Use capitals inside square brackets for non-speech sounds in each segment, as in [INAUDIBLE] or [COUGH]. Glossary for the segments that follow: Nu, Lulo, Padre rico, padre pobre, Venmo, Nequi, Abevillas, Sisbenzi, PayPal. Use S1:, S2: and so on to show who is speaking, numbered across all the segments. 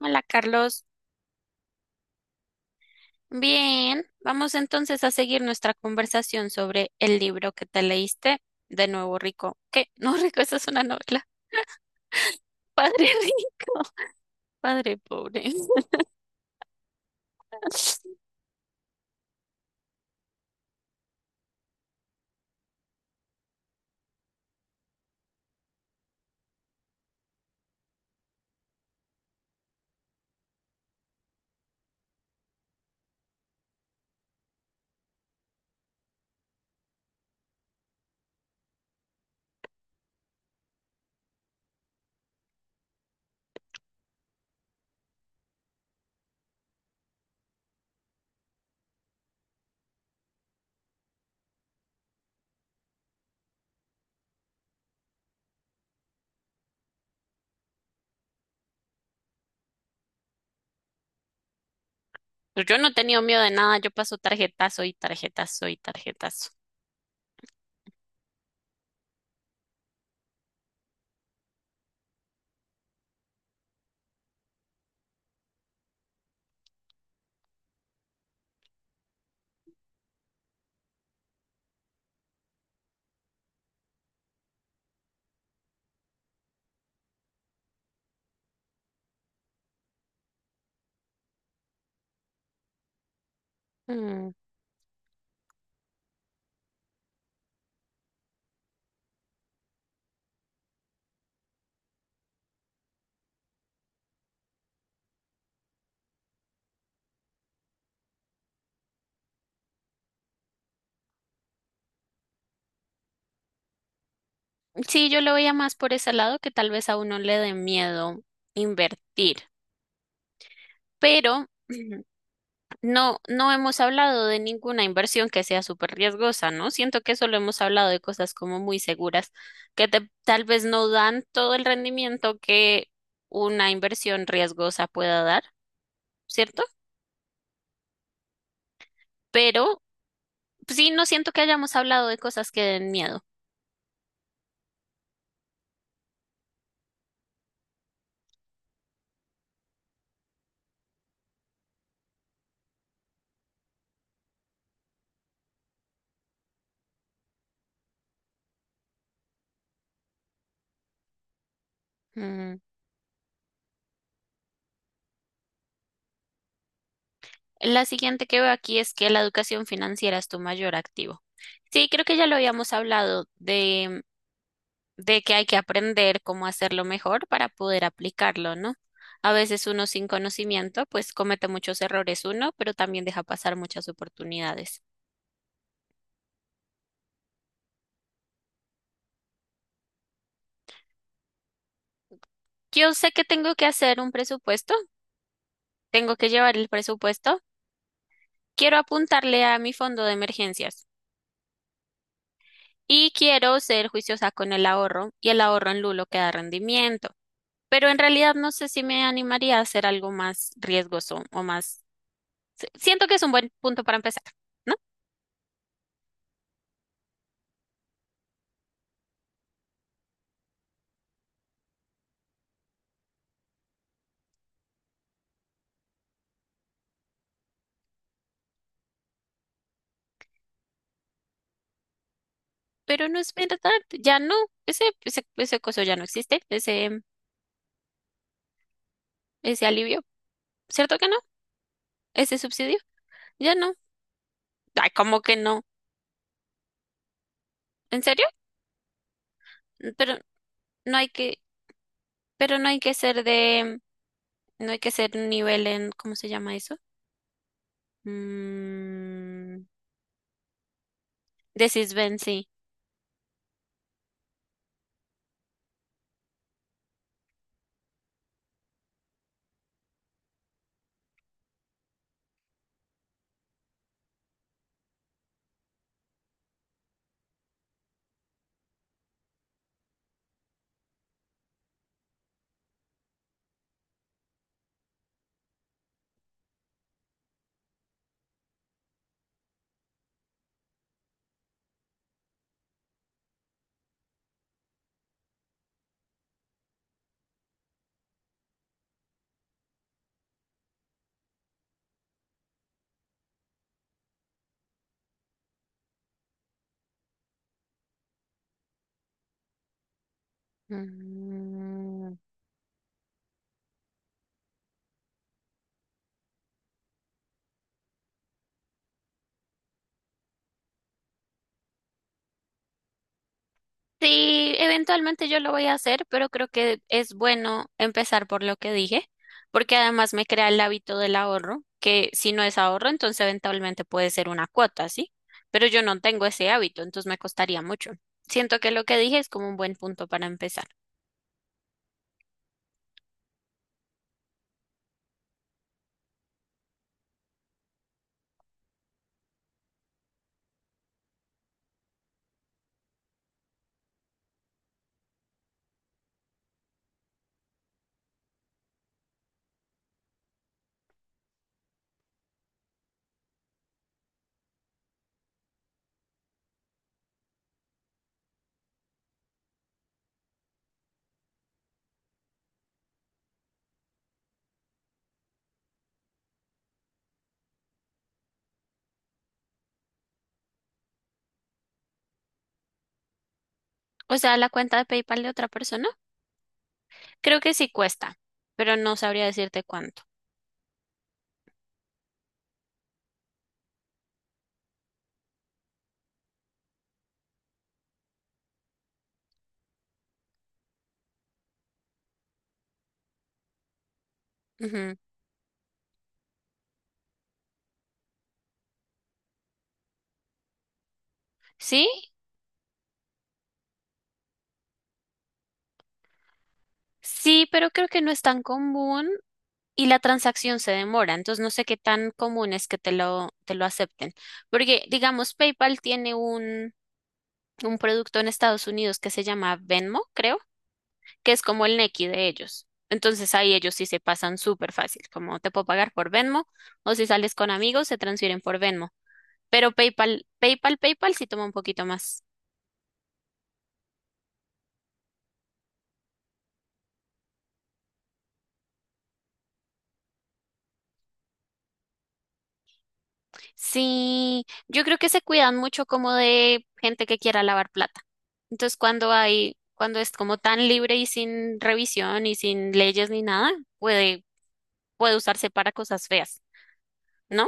S1: Hola Carlos, bien, vamos entonces a seguir nuestra conversación sobre el libro que te leíste, de nuevo rico. ¿Qué? [LAUGHS] No rico, esa es una novela. Padre rico, [LAUGHS] padre pobre. [LAUGHS] Pues yo no he tenido miedo de nada, yo paso tarjetazo y tarjetazo y tarjetazo. Mm. Sí, yo lo veía más por ese lado que tal vez a uno le dé miedo invertir, pero [CLEARS THROAT] no, no hemos hablado de ninguna inversión que sea súper riesgosa, ¿no? Siento que solo hemos hablado de cosas como muy seguras que tal vez no dan todo el rendimiento que una inversión riesgosa pueda dar, ¿cierto? Pero sí, no siento que hayamos hablado de cosas que den miedo. La siguiente que veo aquí es que la educación financiera es tu mayor activo. Sí, creo que ya lo habíamos hablado de que hay que aprender cómo hacerlo mejor para poder aplicarlo, ¿no? A veces uno sin conocimiento, pues comete muchos errores uno, pero también deja pasar muchas oportunidades. Yo sé que tengo que hacer un presupuesto, tengo que llevar el presupuesto, quiero apuntarle a mi fondo de emergencias y quiero ser juiciosa con el ahorro y el ahorro en Lulo que da rendimiento. Pero en realidad no sé si me animaría a hacer algo más riesgoso o más. Siento que es un buen punto para empezar, ¿no? Pero no es verdad, ya no, ese coso ya no existe, ese alivio, ¿cierto que no? Ese subsidio, ya no. Ay, ¿cómo que no? ¿En serio? Mm, pero no hay que, pero no hay que ser de, no hay que ser un nivel en, ¿cómo se llama eso? Mm, de Sisbenzi. Sí, eventualmente yo lo voy a hacer, pero creo que es bueno empezar por lo que dije, porque además me crea el hábito del ahorro, que si no es ahorro, entonces eventualmente puede ser una cuota, ¿sí? Pero yo no tengo ese hábito, entonces me costaría mucho. Siento que lo que dije es como un buen punto para empezar. O sea, la cuenta de PayPal de otra persona. Creo que sí cuesta, pero no sabría decirte cuánto. Ujú. Sí, sí, pero creo que no es tan común y la transacción se demora, entonces no sé qué tan común es que te lo acepten. Porque, digamos, PayPal tiene un producto en Estados Unidos que se llama Venmo, creo, que es como el Nequi de ellos. Entonces ahí ellos sí se pasan súper fácil, como te puedo pagar por Venmo o si sales con amigos se transfieren por Venmo. Pero PayPal sí toma un poquito más. Sí, yo creo que se cuidan mucho como de gente que quiera lavar plata. Entonces cuando hay, cuando es como tan libre y sin revisión y sin leyes ni nada, puede, puede usarse para cosas feas, ¿no?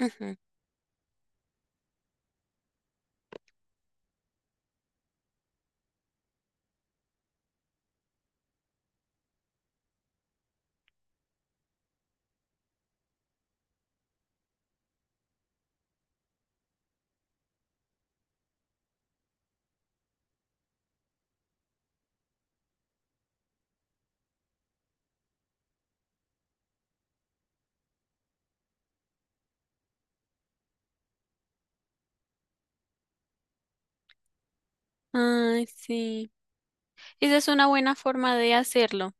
S1: Ujú. Ay, sí. Esa es una buena forma de hacerlo.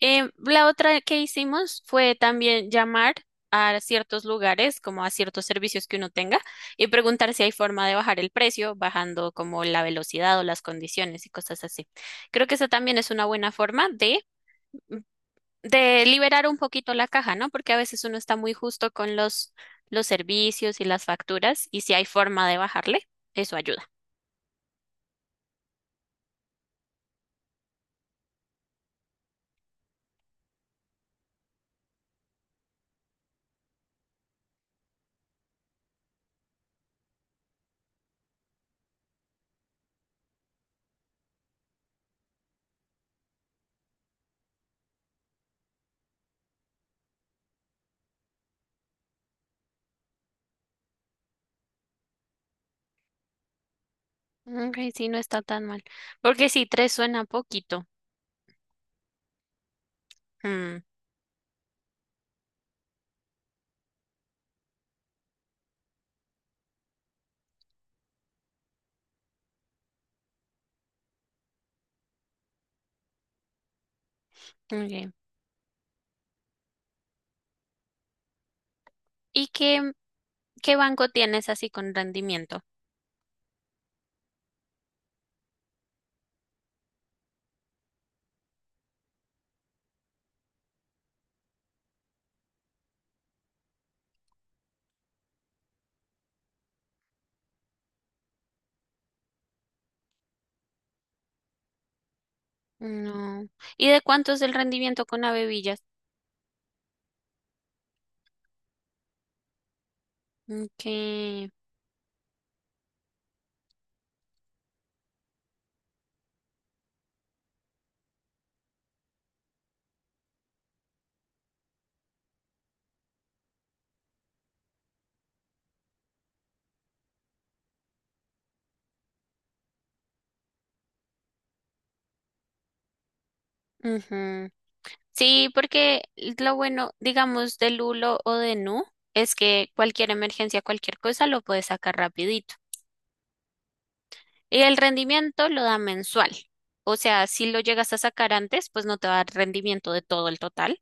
S1: La otra que hicimos fue también llamar a ciertos lugares, como a ciertos servicios que uno tenga, y preguntar si hay forma de bajar el precio, bajando como la velocidad o las condiciones y cosas así. Creo que esa también es una buena forma de liberar un poquito la caja, ¿no? Porque a veces uno está muy justo con los servicios y las facturas, y si hay forma de bajarle, eso ayuda. Ok, sí, no está tan mal. Porque sí, tres suena poquito. Mm. Ok. ¿Y qué banco tienes así con rendimiento? No. ¿Y de cuánto es el rendimiento con Abevillas? Ok. Ujú. Sí, porque lo bueno, digamos, de Lulo o de Nu es que cualquier emergencia, cualquier cosa lo puedes sacar rapidito. Y el rendimiento lo da mensual. O sea, si lo llegas a sacar antes, pues no te va a dar rendimiento de todo el total,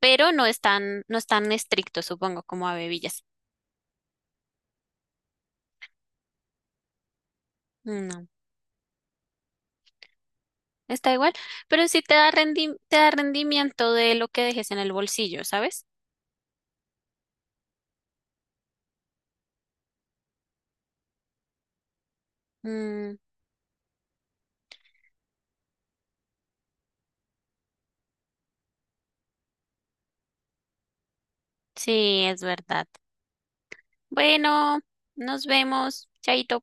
S1: pero no es tan, no es tan estricto, supongo, como Abevillas. Está igual, pero sí te da te da rendimiento de lo que dejes en el bolsillo, ¿sabes? Mm, sí, es verdad. Bueno, nos vemos. Chaito.